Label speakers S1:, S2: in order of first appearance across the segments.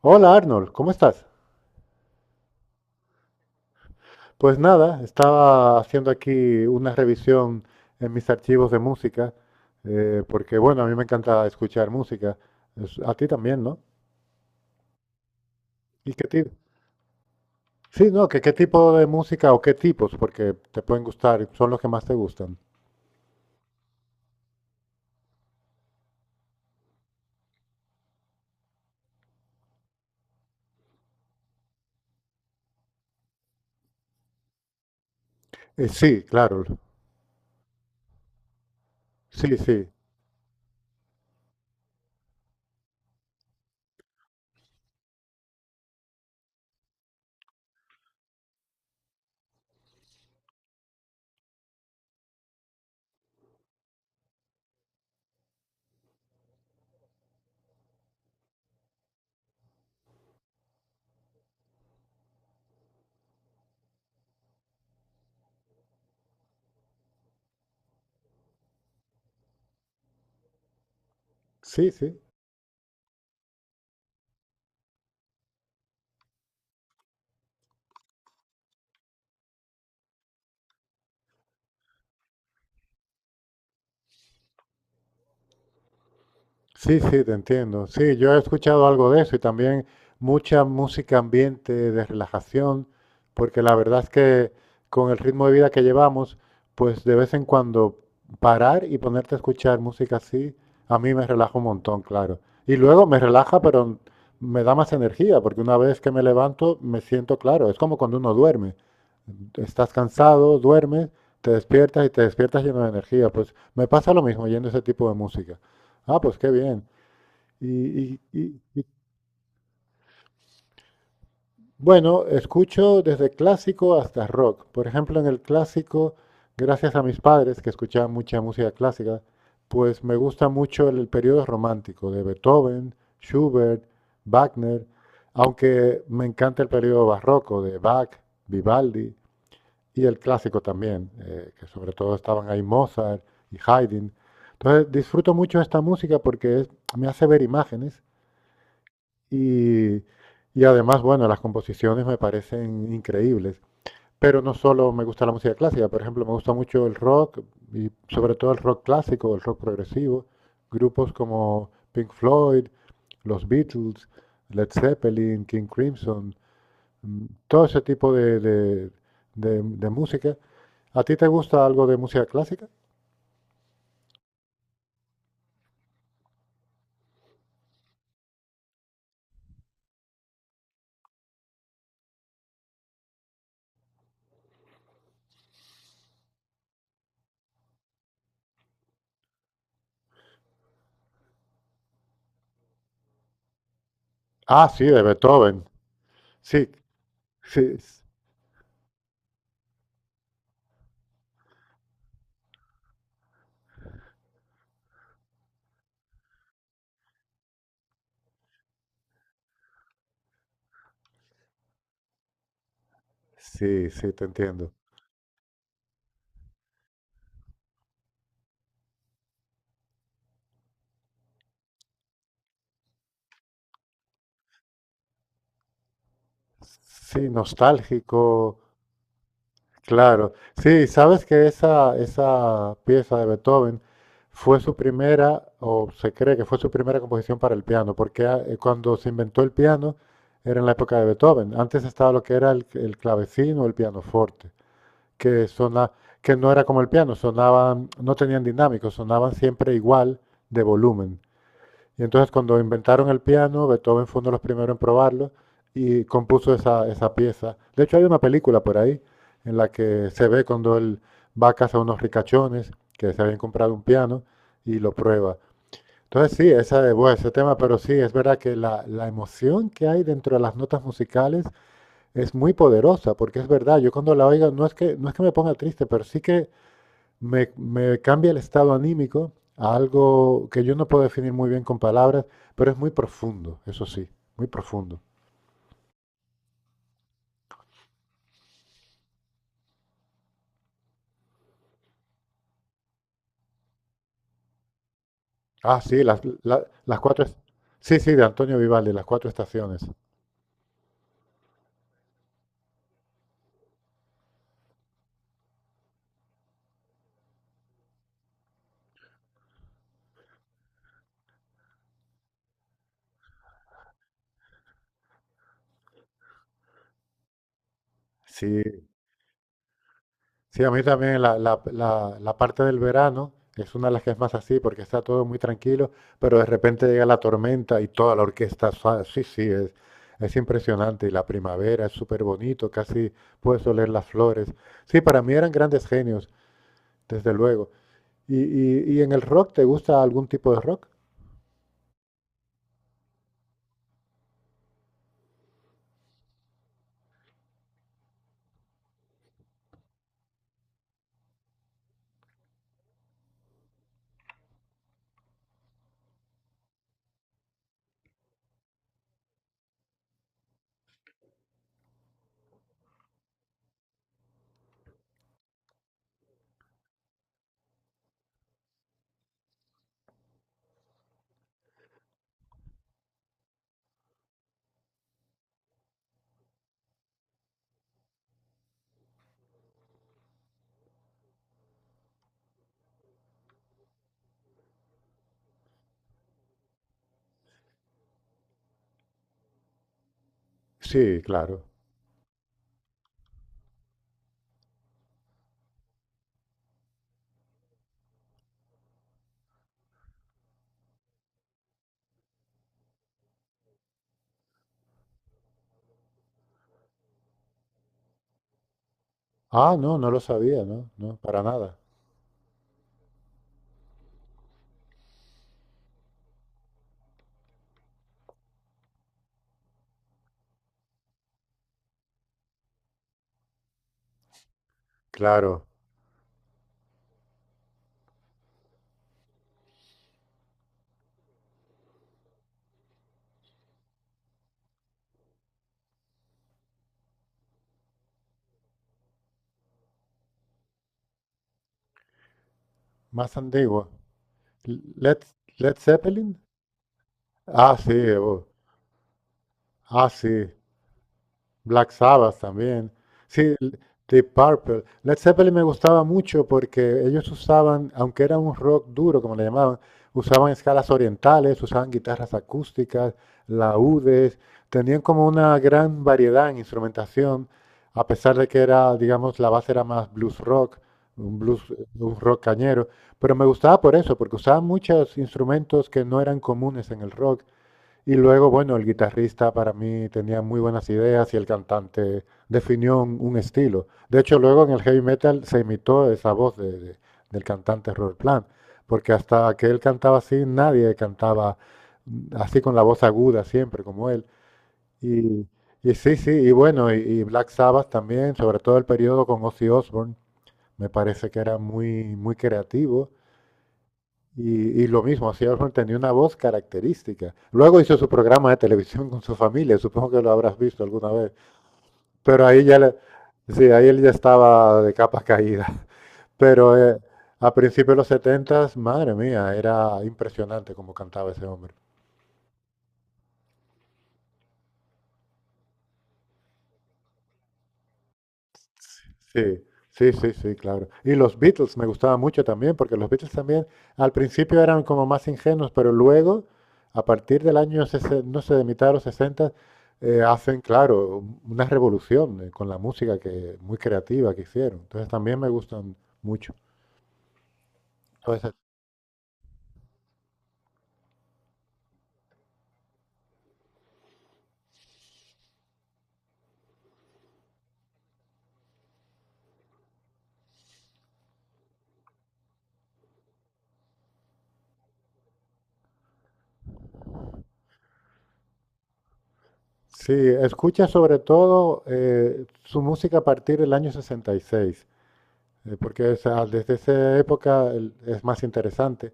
S1: Hola Arnold, ¿cómo estás? Pues nada, estaba haciendo aquí una revisión en mis archivos de música, porque bueno, a mí me encanta escuchar música. A ti también, ¿no? ¿Y qué tipo? Sí, no, que qué tipo de música o qué tipos, porque te pueden gustar, son los que más te gustan. Sí, claro. Sí, sí. Sí, sí. Sí, sí, te entiendo. Sí, yo he escuchado algo de eso y también mucha música ambiente de relajación, porque la verdad es que con el ritmo de vida que llevamos, pues de vez en cuando parar y ponerte a escuchar música así, a mí me relaja un montón, claro. Y luego me relaja, pero me da más energía, porque una vez que me levanto me siento claro. Es como cuando uno duerme. Estás cansado, duermes, te despiertas y te despiertas lleno de energía. Pues me pasa lo mismo oyendo ese tipo de música. Ah, pues qué bien. Y, y- y- y, bueno, escucho desde clásico hasta rock. Por ejemplo, en el clásico, gracias a mis padres que escuchaban mucha música clásica, pues me gusta mucho el periodo romántico de Beethoven, Schubert, Wagner, aunque me encanta el periodo barroco de Bach, Vivaldi y el clásico también, que sobre todo estaban ahí Mozart y Haydn. Entonces disfruto mucho esta música porque me hace ver imágenes. Y, y además, bueno, las composiciones me parecen increíbles. Pero no solo me gusta la música clásica, por ejemplo, me gusta mucho el rock y sobre todo el rock clásico, el rock progresivo. Grupos como Pink Floyd, los Beatles, Led Zeppelin, King Crimson, todo ese tipo de música. ¿A ti te gusta algo de música clásica? Ah, sí, de Beethoven. Sí, sí, sí, sí, te entiendo. Sí, nostálgico. Claro, sí, sabes que esa pieza de Beethoven fue su primera, o se cree que fue su primera composición para el piano, porque ah, cuando se inventó el piano era en la época de Beethoven. Antes estaba lo que era el clavecino o el pianoforte, que que no era como el piano, sonaban, no tenían dinámico, sonaban siempre igual de volumen. Y entonces cuando inventaron el piano, Beethoven fue uno de los primeros en probarlo y compuso esa pieza. De hecho, hay una película por ahí en la que se ve cuando él va a casa a unos ricachones que se habían comprado un piano y lo prueba. Entonces sí, esa, bueno, ese tema, pero sí, es verdad que la emoción que hay dentro de las notas musicales es muy poderosa, porque es verdad, yo cuando la oigo no es que me ponga triste, pero sí que me cambia el estado anímico a algo que yo no puedo definir muy bien con palabras, pero es muy profundo, eso sí, muy profundo. Ah, sí, las, las cuatro. Sí, sí, de Antonio Vivaldi, las cuatro estaciones. Sí, sí, a mí también la parte del verano es una de las que es más así porque está todo muy tranquilo, pero de repente llega la tormenta y toda la orquesta, sí, sí, es impresionante. Y la primavera es súper bonito, casi puedes oler las flores. Sí, para mí eran grandes genios. Desde luego. Y en el rock te gusta algún tipo de rock? Sí, claro. Ah, no, no lo sabía, no, no, para nada. Claro, más antiguo. Led, Led Zeppelin? Ah, sí, oh. Ah, sí. Black Sabbath también. Sí, Deep Purple. Led Zeppelin me gustaba mucho porque ellos usaban, aunque era un rock duro, como le llamaban, usaban escalas orientales, usaban guitarras acústicas, laúdes, tenían como una gran variedad en instrumentación, a pesar de que era, digamos, la base era más blues rock, un blues, un rock cañero. Pero me gustaba por eso, porque usaban muchos instrumentos que no eran comunes en el rock y luego, bueno, el guitarrista para mí tenía muy buenas ideas y el cantante definió un estilo. De hecho, luego en el heavy metal se imitó esa voz del cantante Robert Plant, porque hasta que él cantaba así, nadie cantaba así con la voz aguda siempre como él. Y, y, sí, sí, y bueno, y Black Sabbath también, sobre todo el periodo con Ozzy Osbourne, me parece que era muy, muy creativo y lo mismo, hacía Osborne tenía una voz característica. Luego hizo su programa de televisión con su familia, supongo que lo habrás visto alguna vez. Pero sí, ahí él ya estaba de capa caída. Pero a principios de los 70, madre mía, era impresionante como cantaba ese hombre. Sí, sí, sí, sí, claro. Y los Beatles me gustaban mucho también, porque los Beatles también al principio eran como más ingenuos, pero luego, a partir del año, no sé, de mitad de los 60, hacen, claro, una revolución con la música que, muy creativa que hicieron. Entonces también me gustan mucho. Entonces, sí, escucha sobre todo su música a partir del año 66, porque desde esa época es más interesante.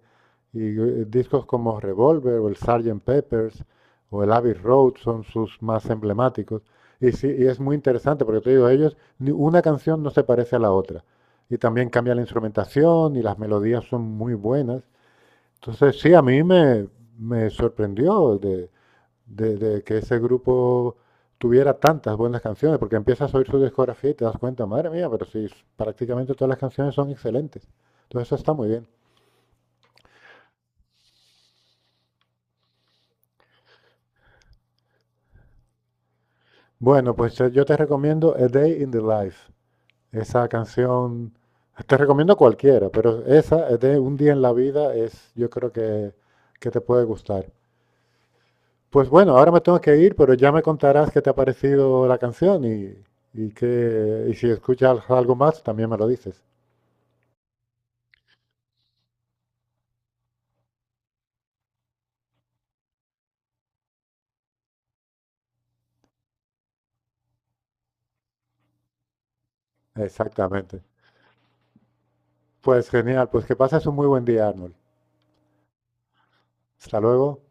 S1: Y discos como Revolver o el sergeant Peppers o el Abbey Road son sus más emblemáticos. Y sí, y es muy interesante porque te digo, ellos, ni una canción no se parece a la otra. Y también cambia la instrumentación y las melodías son muy buenas. Entonces, sí, a mí me sorprendió de que ese grupo tuviera tantas buenas canciones, porque empiezas a oír su discografía y te das cuenta, madre mía, pero sí, prácticamente todas las canciones son excelentes. Entonces eso está muy bien. Bueno, pues yo te recomiendo A Day in the Life. Esa canción, te recomiendo cualquiera, pero esa, de Un día en la vida, es yo creo que te puede gustar. Pues bueno, ahora me tengo que ir, pero ya me contarás qué te ha parecido la canción y, que, y si escuchas algo más, también me lo dices. Exactamente. Pues genial, pues que pases un muy buen día, Arnold. Hasta luego.